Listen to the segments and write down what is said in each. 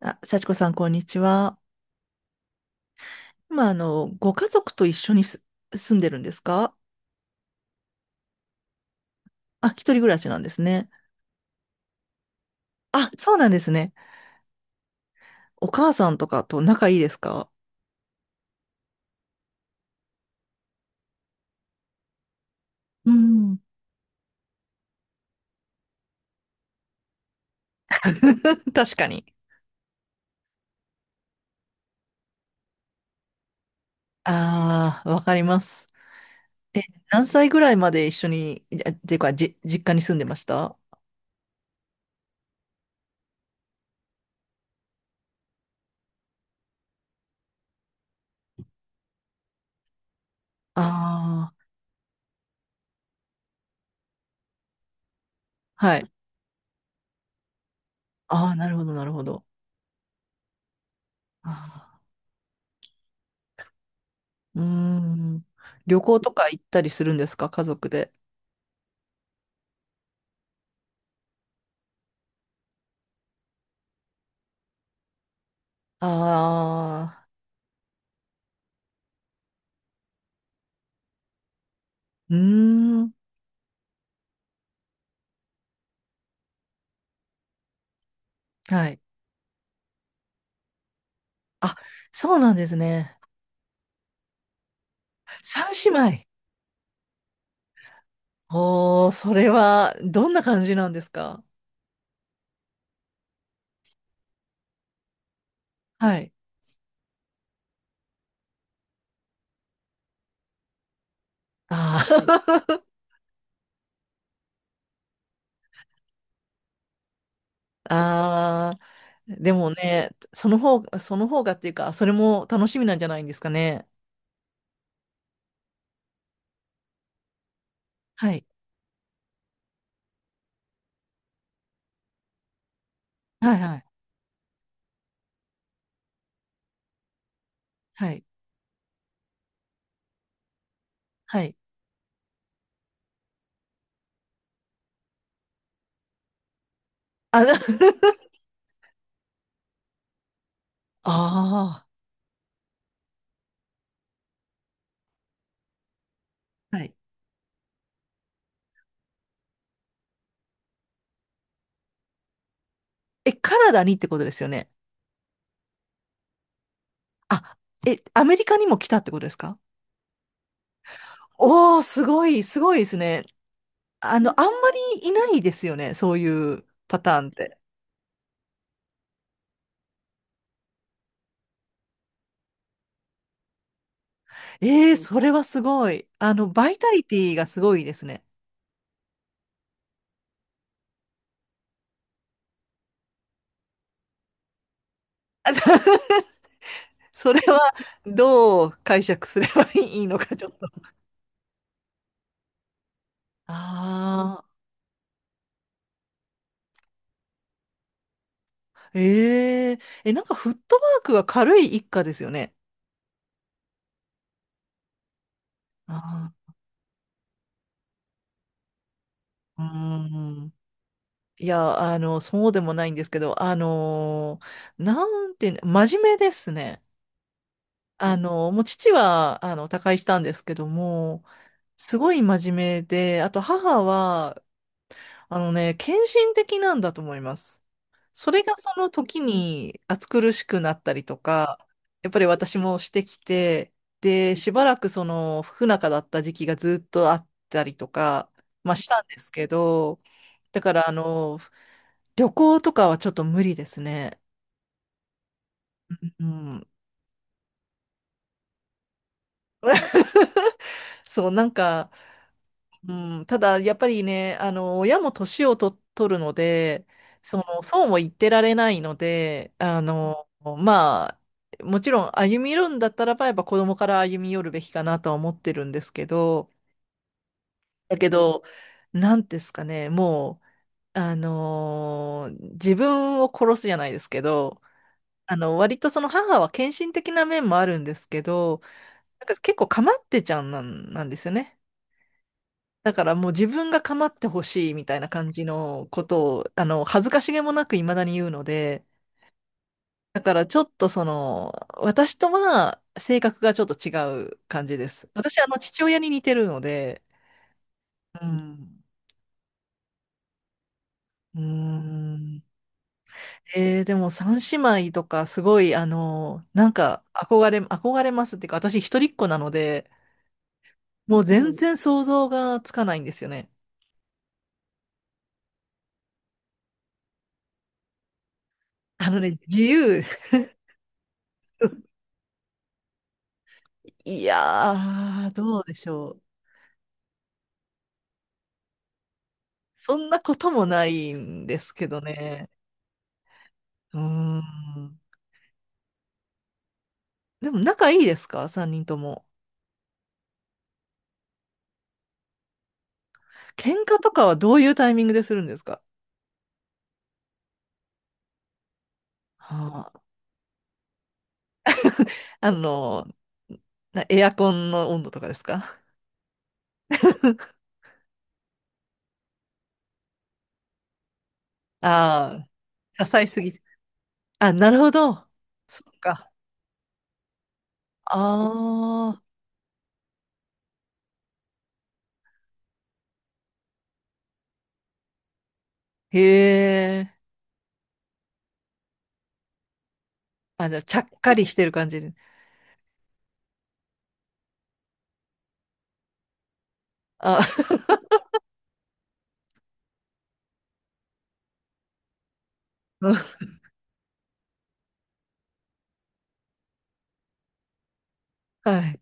あ、幸子さん、こんにちは。ご家族と一緒に住んでるんですか？あ、一人暮らしなんですね。あ、そうなんですね。お母さんとかと仲いいですか？うん。確かに。ああ、わかります。え、何歳ぐらいまで一緒に、あっていうか、実家に住んでました？ああー、はい。ああ、なるほど、なるほど。あーうーん。旅行とか行ったりするんですか？家族で。ああ、うーん。はい。あ、そうなんですね。三姉妹。おー、それは、どんな感じなんですか？はい。あー あー、でもね、その方、その方がっていうか、それも楽しみなんじゃないんですかね。はい。はいはい。はい。はい。あ、ああ、はい。え、カナダにってことですよね？あ、え、アメリカにも来たってことですか？おー、すごい、すごいですね。あんまりいないですよね、そういうパターンって。ええ、それはすごい。バイタリティがすごいですね。それはどう解釈すればいいのか、ちょっと。ああ、えええ、なんかフットワークが軽い一家ですよね。ああ、うん。いや、そうでもないんですけど、なんていうの、真面目ですね。もう父は、他界したんですけども、すごい真面目で、あと母は、献身的なんだと思います。それがその時に暑苦しくなったりとか、やっぱり私もしてきて、で、しばらくその不仲だった時期がずっとあったりとか、したんですけど、だから旅行とかはちょっと無理ですね。うん。そう、なんか、うん、ただ、やっぱりね、親も年を取るので、そうも言ってられないので、まもちろん歩み寄るんだったらば、やっぱ子供から歩み寄るべきかなとは思ってるんですけど、だけど、なんですかね、もう、自分を殺すじゃないですけど、割とその母は献身的な面もあるんですけど、なんか結構構ってちゃんなんですよね。だからもう自分が構ってほしいみたいな感じのことを、恥ずかしげもなく未だに言うので、だからちょっと私とは性格がちょっと違う感じです。私、父親に似てるので、うん。うん。でも三姉妹とかすごい、なんか憧れますっていうか、私一人っ子なので、もう全然想像がつかないんですよね。あのね、自由。いやー、どうでしょう。そんなこともないんですけどね。うーん。でも仲いいですか？ 3 人とも。喧嘩とかはどういうタイミングでするんですか？はあ、あの、エアコンの温度とかですか？ ああ、支えすぎて。あ、なるほど。そっか。ああ、へえ。あ、じゃあ、ちゃっかりしてる感じで。あ、うん、はい。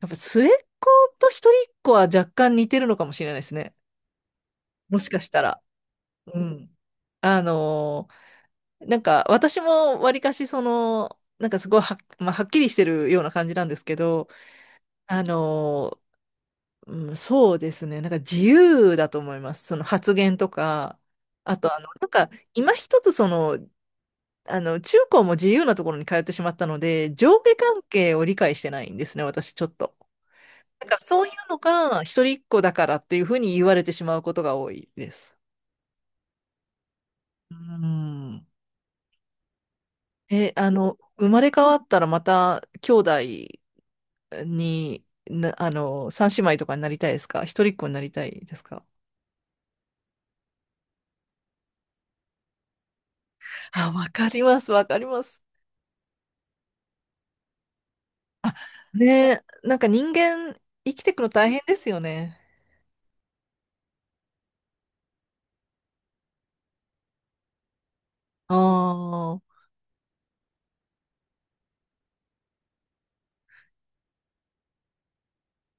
やっぱ末っ子と一人っ子は若干似てるのかもしれないですね。もしかしたら。うん。あのーなんか私もわりかしその、なんかすごいはっきりしてるような感じなんですけど、あのーうん、そうですね、なんか自由だと思います。その発言とか、あとなんか今一つその、中高も自由なところに通ってしまったので、上下関係を理解してないんですね、私ちょっと。なんかそういうのが一人っ子だからっていうふうに言われてしまうことが多いです。うん。え、生まれ変わったらまた兄弟に、な、あの、三姉妹とかになりたいですか？一人っ子になりたいですか？あ、わかります、わかります。ねえ、なんか人間生きてくの大変ですよね。ああ、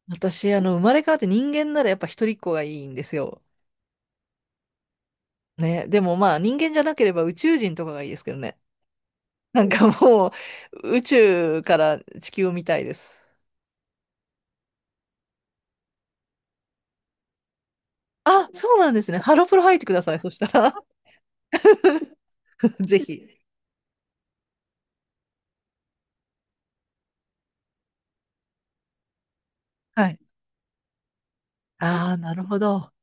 私、生まれ変わって人間ならやっぱ一人っ子がいいんですよ。ね、でも人間じゃなければ宇宙人とかがいいですけどね。なんかもう宇宙から地球を見たいです。あ、そうなんですね。ハロプロ入ってください、そしたら。ぜひ。はい。ああ、なるほど。あ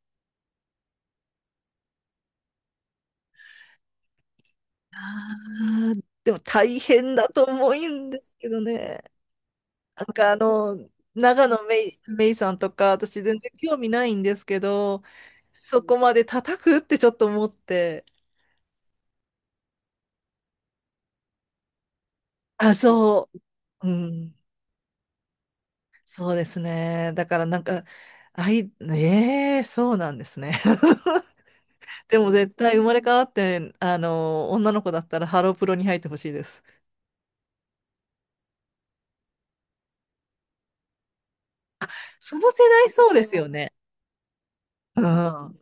あ、でも大変だと思うんですけどね。なんか長野めいさんとか、私全然興味ないんですけど、そこまで叩くってちょっと思って。あ、そう、うん、そうですね。だからなんか、ええ、そうなんですね。でも絶対生まれ変わって、女の子だったらハロープロに入ってほしいです。その世代そうですよね。うん。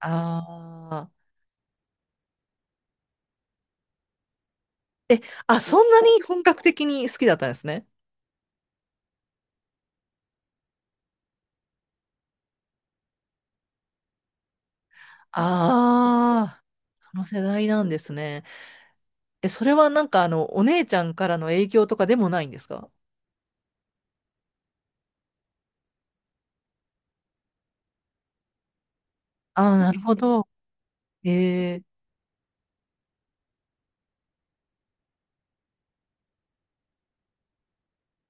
ああ。あ、そんなに本格的に好きだったんですね。ああ。その世代なんですね。え、それはなんかお姉ちゃんからの影響とかでもないんですか？ああー、なるほど。ええ、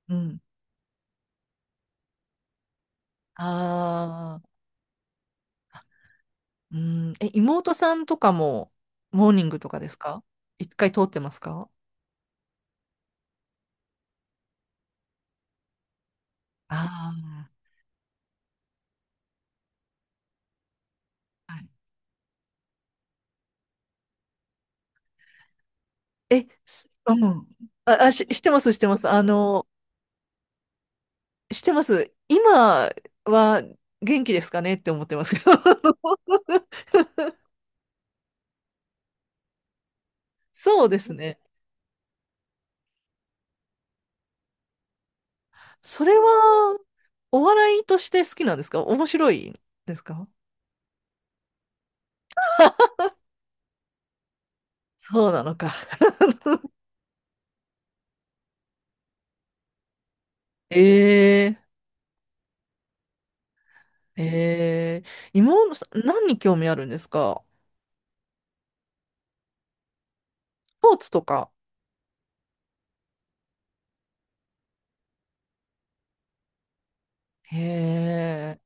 うん。ああ、うん。え、妹さんとかも、モーニングとかですか？一回通ってますか？ああー、はい。え、うん。してます、してます。してます。今は元気ですかねって思ってますけど。そうですね。それは、お笑いとして好きなんですか？面白いですか？そうなのか。えー、えー、妹さん何に興味あるんですか？スポーツとか。へえ、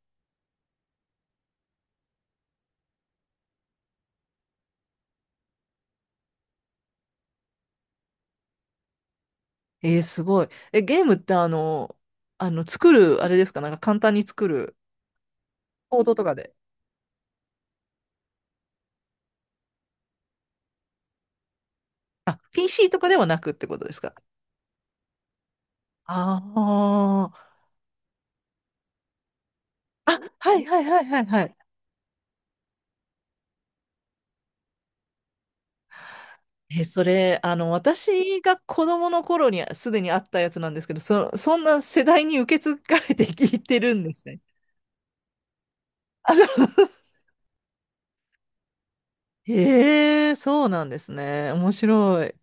えー、すごい。え、ゲームって作る、あれですか？なんか簡単に作る、コードとかで。あ、PC とかではなくってことですか？ああー、あ、はいはいはいはいはい。え、それ、私が子供の頃にすでにあったやつなんですけど、そんな世代に受け継がれていってるんですね。あ、そう。へえ、そうなんですね。面白い。